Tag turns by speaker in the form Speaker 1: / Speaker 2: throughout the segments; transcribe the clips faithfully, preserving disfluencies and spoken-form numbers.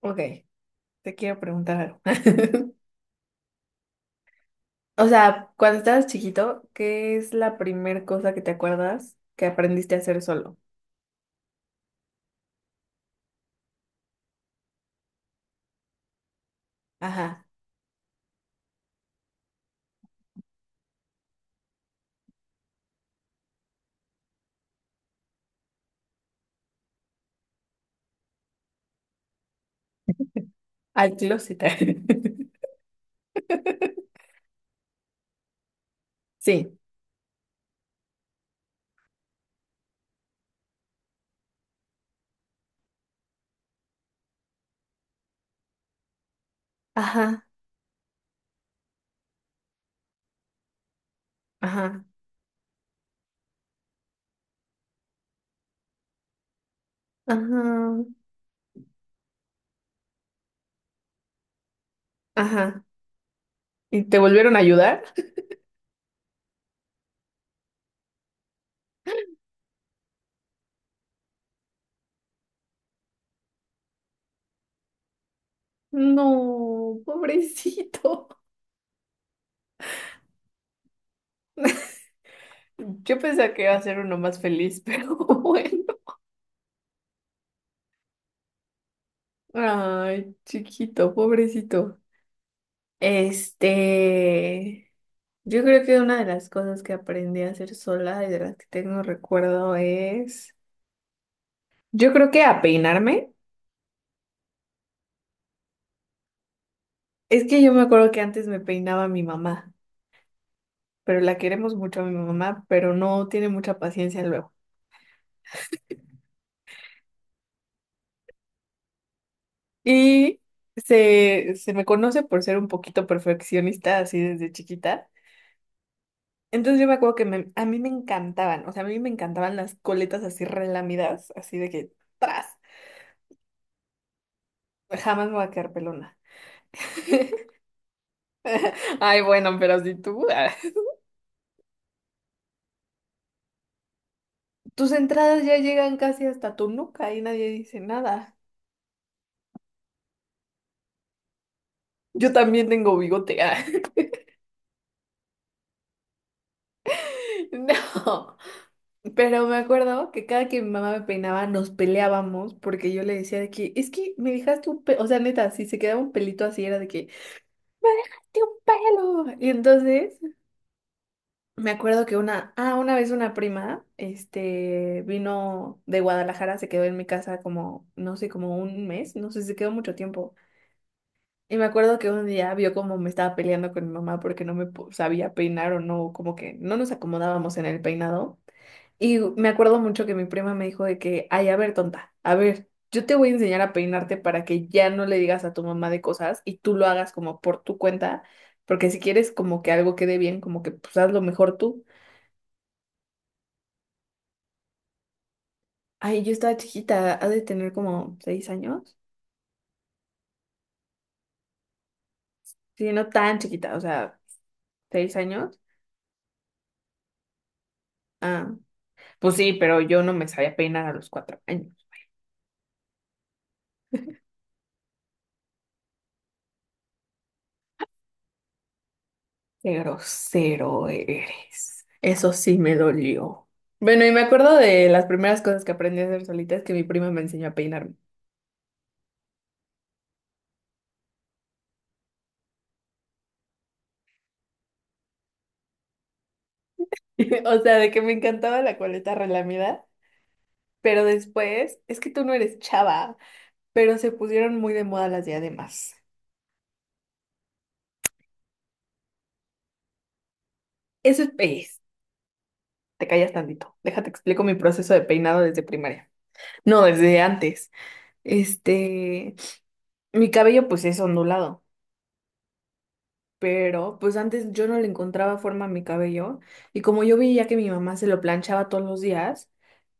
Speaker 1: Ok, te quiero preguntar algo. O sea, cuando estabas chiquito, ¿qué es la primera cosa que te acuerdas que aprendiste a hacer solo? Ajá, al closet. Sí, ajá, ajá, ajá, ajá. ¿Y te volvieron a ayudar? No, pobrecito. Yo pensé que iba a ser uno más feliz, pero bueno. Ay, chiquito, pobrecito. Este... Yo creo que una de las cosas que aprendí a hacer sola y de las que tengo recuerdo es, yo creo que a peinarme. Es que yo me acuerdo que antes me peinaba mi mamá, pero la queremos mucho a mi mamá, pero no tiene mucha paciencia luego. Y se, se me conoce por ser un poquito perfeccionista así desde chiquita. Entonces yo me acuerdo que me- a mí me encantaban, o sea, a mí me encantaban las coletas así relamidas, así de que, ¡tras! Jamás me voy a quedar pelona. Ay, bueno, pero si tú. Tus entradas ya llegan casi hasta tu nuca y nadie dice nada. Yo también tengo bigote. ah. No, pero me acuerdo que cada que mi mamá me peinaba nos peleábamos porque yo le decía de que es que me dejaste un pelo, o sea, neta, si se quedaba un pelito así era de que me dejaste un pelo. Y entonces me acuerdo que una, ah, una vez una prima, este, vino de Guadalajara, se quedó en mi casa como, no sé, como un mes, no sé, se quedó mucho tiempo. Y me acuerdo que un día vio cómo me estaba peleando con mi mamá porque no me po- sabía peinar o no, como que no nos acomodábamos en el peinado. Y me acuerdo mucho que mi prima me dijo de que, ay, a ver, tonta, a ver, yo te voy a enseñar a peinarte para que ya no le digas a tu mamá de cosas y tú lo hagas como por tu cuenta, porque si quieres como que algo quede bien, como que pues hazlo mejor tú. Ay, yo estaba chiquita, ha de tener como seis años. Sí, no tan chiquita, o sea, seis años. Ah, pues sí, pero yo no me sabía peinar a los cuatro años. Qué grosero eres. Eso sí me dolió. Bueno, y me acuerdo de las primeras cosas que aprendí a hacer solita es que mi prima me enseñó a peinarme. O sea, de que me encantaba la coleta relamida, pero después, es que tú no eres chava, pero se pusieron muy de moda las diademas. Eso es pez. Te callas tantito. Déjate explico mi proceso de peinado desde primaria. No, desde antes. Este, mi cabello pues es ondulado. Pero pues antes yo no le encontraba forma a mi cabello y como yo veía que mi mamá se lo planchaba todos los días,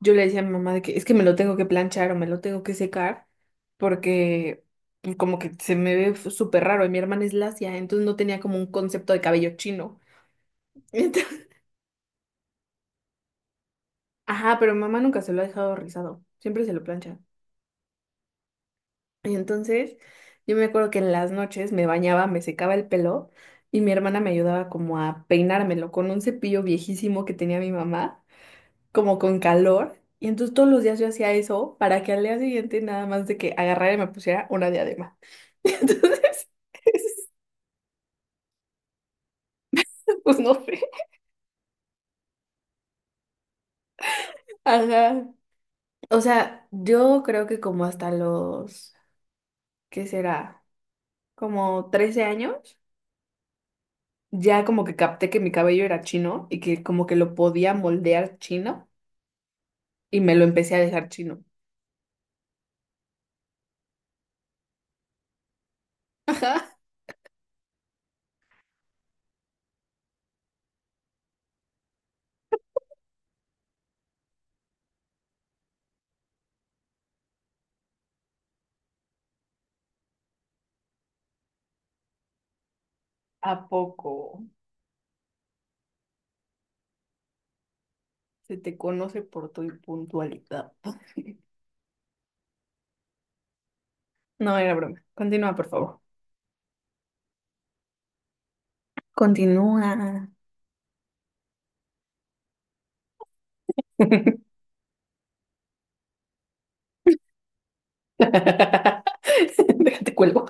Speaker 1: yo le decía a mi mamá de que es que me lo tengo que planchar o me lo tengo que secar porque pues, como que se me ve f- súper raro y mi hermana es lacia, entonces no tenía como un concepto de cabello chino. Entonces- ajá, pero mamá nunca se lo ha dejado rizado, siempre se lo plancha. Y entonces yo me acuerdo que en las noches me bañaba, me secaba el pelo. Y mi hermana me ayudaba como a peinármelo con un cepillo viejísimo que tenía mi mamá, como con calor. Y entonces todos los días yo hacía eso para que al día siguiente nada más de que agarrara y me pusiera una diadema. Y entonces, pues no sé. Ajá. O sea, yo creo que como hasta los, ¿qué será? Como trece años, ya como que capté que mi cabello era chino y que como que lo podía moldear chino y me lo empecé a dejar chino. ¿A poco? Se te conoce por tu puntualidad. No era broma. Continúa, por favor. Continúa. Déjate cuelgo.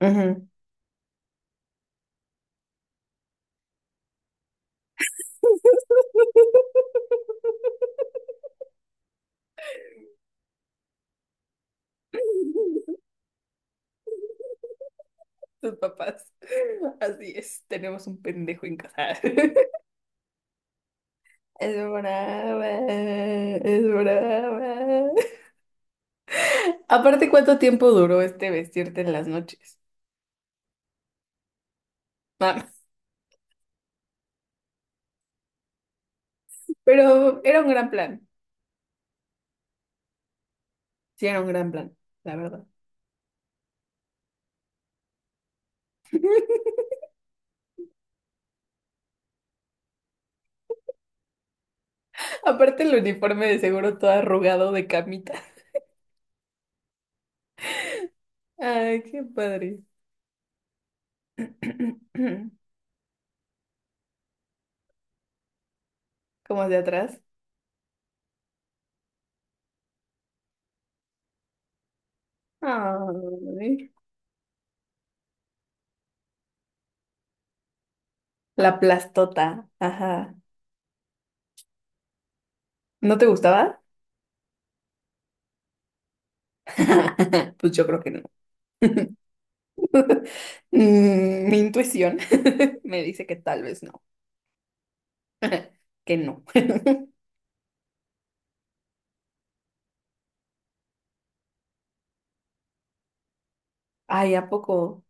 Speaker 1: Ujú. Tus papás. Así es, tenemos un pendejo en casa. Es brava, es brava. Aparte, ¿cuánto tiempo duró este vestirte en las noches? Ah, pero era un gran plan. Sí, era un gran plan, la verdad. Aparte, el uniforme de seguro todo arrugado de camita. Ay, qué padre. Como de atrás. Ay, la plastota, ajá. ¿No te gustaba? Pues yo creo que no. Mm, mi intuición me dice que tal vez no, que no. Ay, ¿a poco?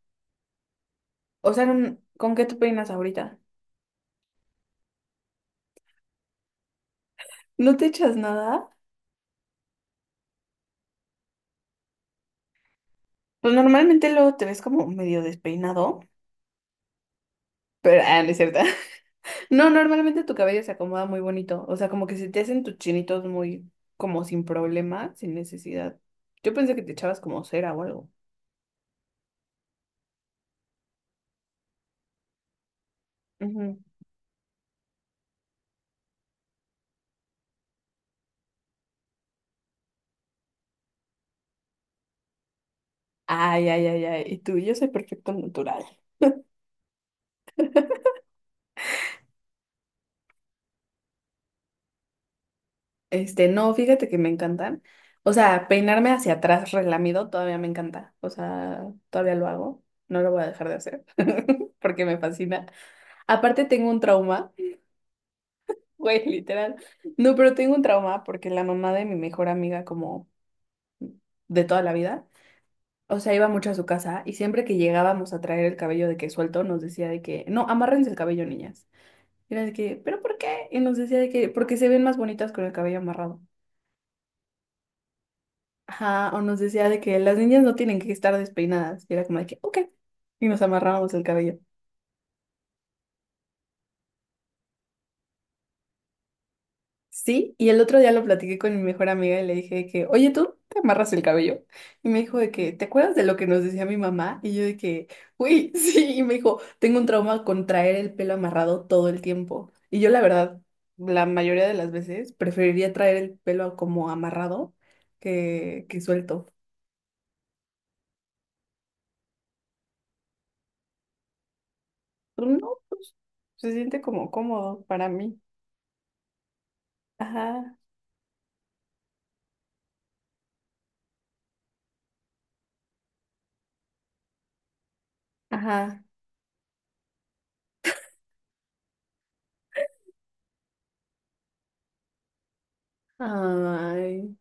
Speaker 1: O sea, ¿con con qué te peinas ahorita? ¿No te echas nada? Pues normalmente luego te ves como medio despeinado, pero ah, no es cierto. No, normalmente tu cabello se acomoda muy bonito. O sea, como que se te hacen tus chinitos muy, como sin problema, sin necesidad. Yo pensé que te echabas como cera o algo. Ujú. Ay, ay, ay, ay. Y tú, yo soy perfecto al natural. Este, no, fíjate que me encantan. O sea, peinarme hacia atrás relamido todavía me encanta. O sea, todavía lo hago. No lo voy a dejar de hacer porque me fascina. Aparte tengo un trauma, güey, literal. No, pero tengo un trauma porque la mamá de mi mejor amiga como de toda la vida. O sea, iba mucho a su casa y siempre que llegábamos a traer el cabello de que suelto, nos decía de que, no, amárrense el cabello, niñas. Y era de que, ¿pero por qué? Y nos decía de que, porque se ven más bonitas con el cabello amarrado. Ajá, o nos decía de que las niñas no tienen que estar despeinadas. Y era como de que, ok. Y nos amarrábamos el cabello. Sí, y el otro día lo platiqué con mi mejor amiga y le dije que, oye, tú te amarras el cabello. Y me dijo de que, ¿te acuerdas de lo que nos decía mi mamá? Y yo de que, uy, sí, y me dijo, tengo un trauma con traer el pelo amarrado todo el tiempo. Y yo la verdad, la mayoría de las veces preferiría traer el pelo como amarrado que, que suelto. Pero no, pues se siente como cómodo para mí. Ajá, ajá. Ay,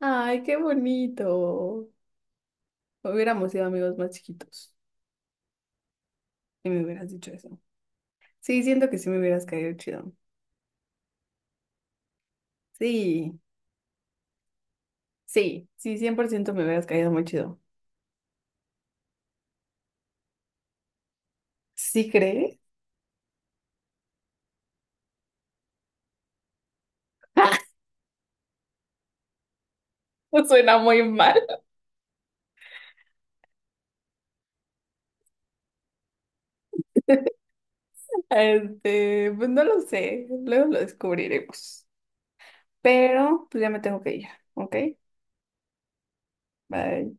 Speaker 1: ay, qué bonito. Hubiéramos sido amigos más chiquitos, si me hubieras dicho eso. Sí, siento que sí me hubieras caído chido. Sí, sí, sí, cien por ciento me hubieras caído muy chido. ¿Sí crees? Suena muy mal. Este, pues no lo sé, luego lo descubriremos. Pero pues ya me tengo que ir, ¿ok? Bye.